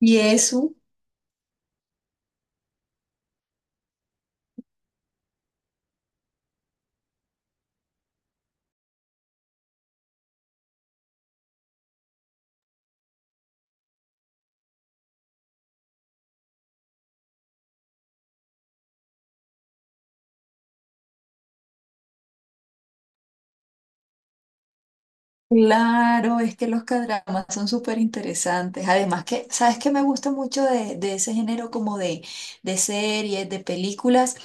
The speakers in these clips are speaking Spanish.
Y eso, claro, es que los cadramas son súper interesantes. Además que, ¿sabes qué me gusta mucho de ese género como de series, de películas,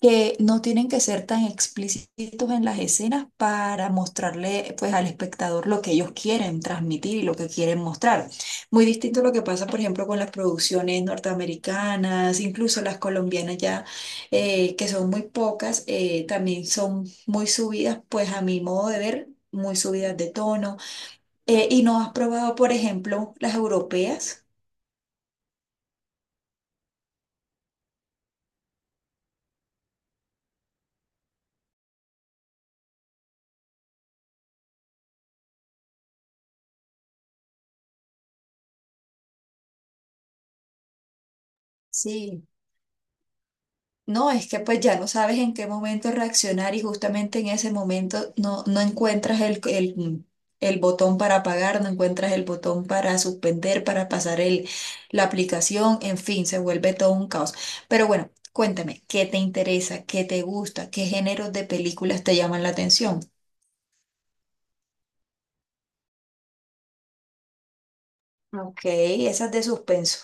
que no tienen que ser tan explícitos en las escenas para mostrarle pues al espectador lo que ellos quieren transmitir y lo que quieren mostrar. Muy distinto a lo que pasa, por ejemplo, con las producciones norteamericanas, incluso las colombianas ya que son muy pocas, también son muy subidas, pues a mi modo de ver, muy subidas de tono. ¿Y no has probado, por ejemplo, las europeas? Sí. No, es que pues ya no sabes en qué momento reaccionar y justamente en ese momento no, no encuentras el botón para apagar, no encuentras el botón para suspender, para pasar el, la aplicación, en fin, se vuelve todo un caos. Pero bueno, cuéntame, ¿qué te interesa? ¿Qué te gusta? ¿Qué géneros de películas te llaman la atención? Ok, esas de suspenso.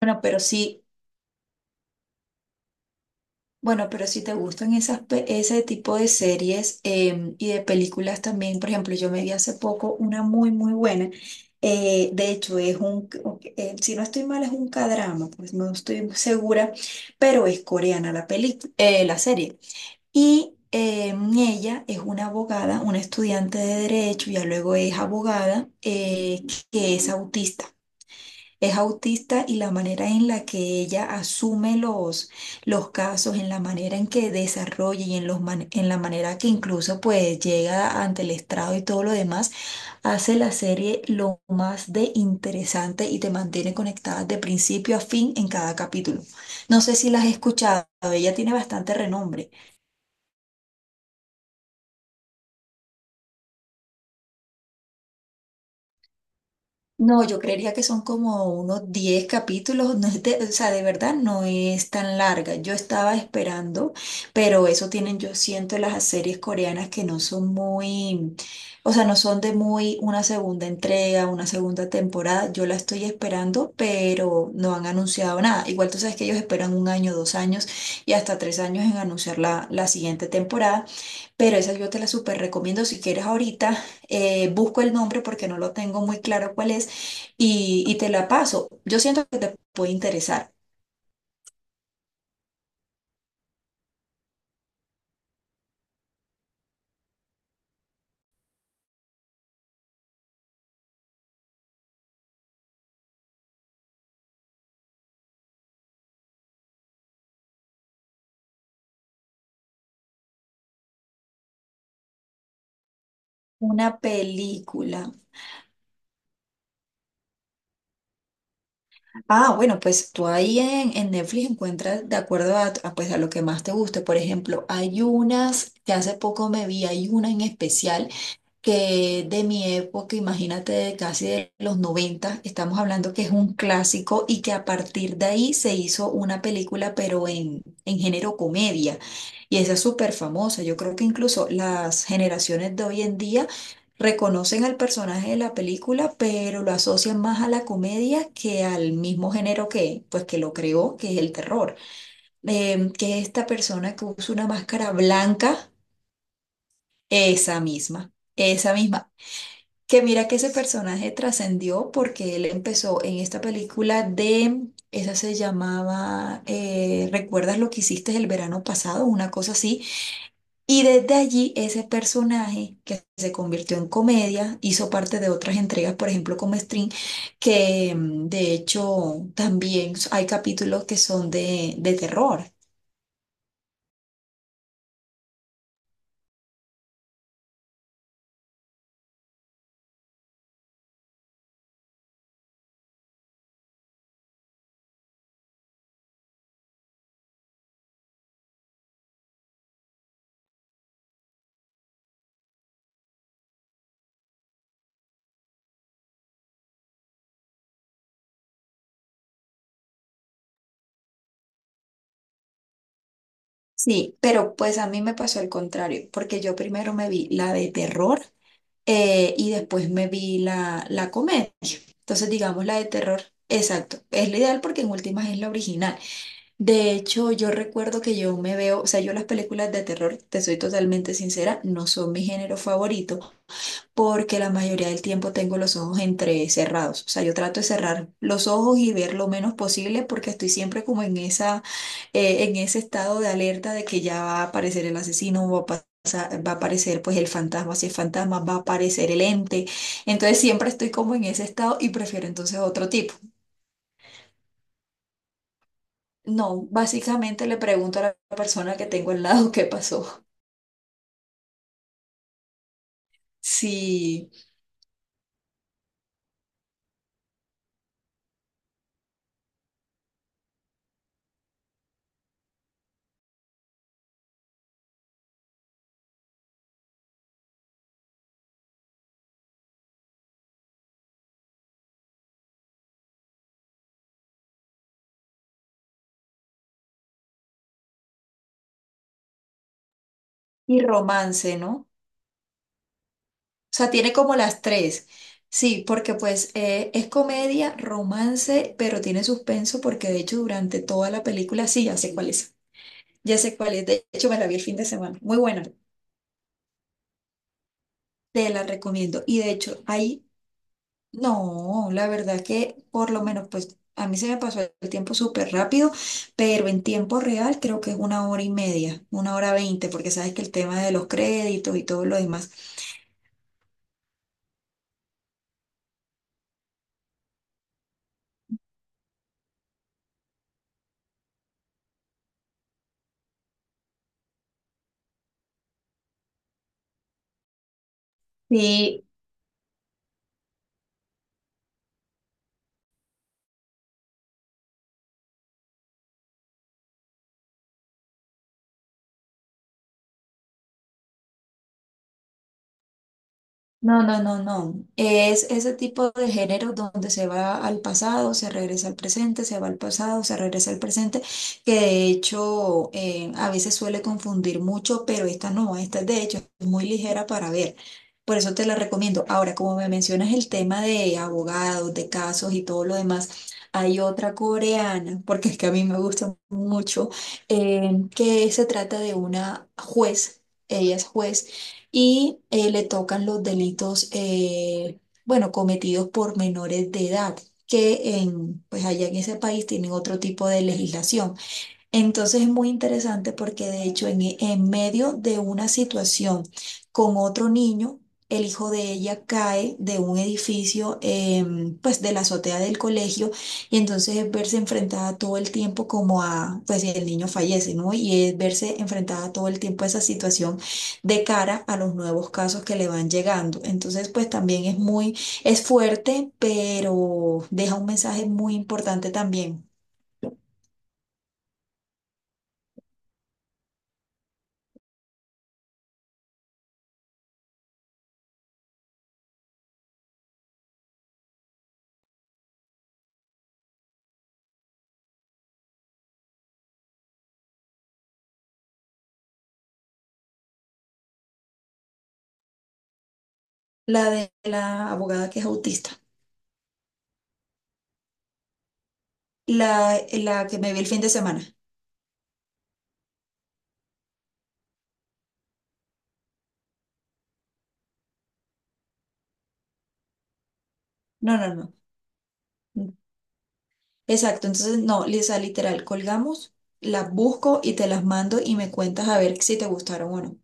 Bueno, pero sí, bueno, pero si te gustan esas, ese tipo de series y de películas también, por ejemplo, yo me vi hace poco una muy, muy buena. De hecho, es ok, si no estoy mal, es un cadrama, pues no estoy segura, pero es coreana la peli, la serie. Y ella es una abogada, una estudiante de derecho, ya luego es abogada, que es autista. Es autista y la manera en la que ella asume los casos, en la manera en que desarrolla y en la manera que incluso pues llega ante el estrado y todo lo demás, hace la serie lo más de interesante y te mantiene conectada de principio a fin en cada capítulo. No sé si la has escuchado, ella tiene bastante renombre. No, yo creería que son como unos 10 capítulos, no es de- o sea, de verdad no es tan larga. Yo estaba esperando, pero eso tienen, yo siento, las series coreanas que no son muy, o sea, no son de muy una segunda entrega, una segunda temporada. Yo la estoy esperando, pero no han anunciado nada. Igual tú sabes que ellos esperan un año, 2 años y hasta 3 años en anunciar la siguiente temporada. Pero esa yo te la súper recomiendo si quieres ahorita. Busco el nombre porque no lo tengo muy claro cuál es y te la paso. Yo siento que te puede interesar. Una película. Ah, bueno, pues tú ahí en Netflix encuentras de acuerdo pues, a lo que más te guste. Por ejemplo, hay unas que hace poco me vi, hay una en especial que de mi época, imagínate, de casi de los 90, estamos hablando que es un clásico y que a partir de ahí se hizo una película, pero en género comedia. Y esa es súper famosa. Yo creo que incluso las generaciones de hoy en día reconocen al personaje de la película, pero lo asocian más a la comedia que al mismo género que, pues, que lo creó, que es el terror. Que esta persona que usa una máscara blanca, esa misma. Esa misma. Que mira que ese personaje trascendió porque él empezó en esta película esa se llamaba ¿recuerdas lo que hiciste el verano pasado? Una cosa así. Y desde allí ese personaje que se convirtió en comedia hizo parte de otras entregas, por ejemplo como String, que de hecho también hay capítulos que son de terror. Sí, pero pues a mí me pasó el contrario, porque yo primero me vi la de terror y después me vi la comedia. Entonces, digamos la de terror. Exacto, es la ideal porque en últimas es la original. De hecho, yo recuerdo que yo me veo, o sea, yo las películas de terror, te soy totalmente sincera, no son mi género favorito, porque la mayoría del tiempo tengo los ojos entrecerrados. O sea, yo trato de cerrar los ojos y ver lo menos posible porque estoy siempre como en en ese estado de alerta de que ya va a aparecer el asesino, va a aparecer pues el fantasma, si es fantasma, va a aparecer el ente. Entonces siempre estoy como en ese estado y prefiero entonces otro tipo. No, básicamente le pregunto a la persona que tengo al lado qué pasó. Sí, y romance, ¿no? O sea, tiene como las tres. Sí, porque pues es comedia, romance, pero tiene suspenso porque de hecho durante toda la película, sí, ya sé cuál es. Ya sé cuál es. De hecho, me la vi el fin de semana. Muy buena. Te la recomiendo. Y de hecho, ahí, no, la verdad que por lo menos pues a mí se me pasó el tiempo súper rápido, pero en tiempo real creo que es una hora y media, una hora veinte, porque sabes que el tema de los créditos y todo lo demás. Sí. No, no, no, no. Es ese tipo de género donde se va al pasado, se regresa al presente, se va al pasado, se regresa al presente, que de hecho a veces suele confundir mucho, pero esta no, esta de hecho es muy ligera para ver. Por eso te la recomiendo. Ahora, como me mencionas el tema de abogados, de casos y todo lo demás, hay otra coreana, porque es que a mí me gusta mucho, que se trata de una juez. Ella es juez y le tocan los delitos, bueno, cometidos por menores de edad, que pues allá en ese país tienen otro tipo de legislación. Entonces es muy interesante porque de hecho en medio de una situación con otro niño, el hijo de ella cae de un edificio, pues de la azotea del colegio y entonces es verse enfrentada todo el tiempo como pues el niño fallece, ¿no? Y es verse enfrentada todo el tiempo a esa situación de cara a los nuevos casos que le van llegando. Entonces pues también es es fuerte, pero deja un mensaje muy importante también. La de la abogada que es autista. La que me vi el fin de semana. No, no, no. Mm, exacto. Entonces, no, Lisa, literal, colgamos, las busco y te las mando y me cuentas a ver si te gustaron o no.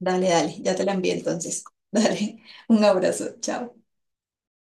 Dale, dale, ya te la envié entonces. Dale, un abrazo, chao.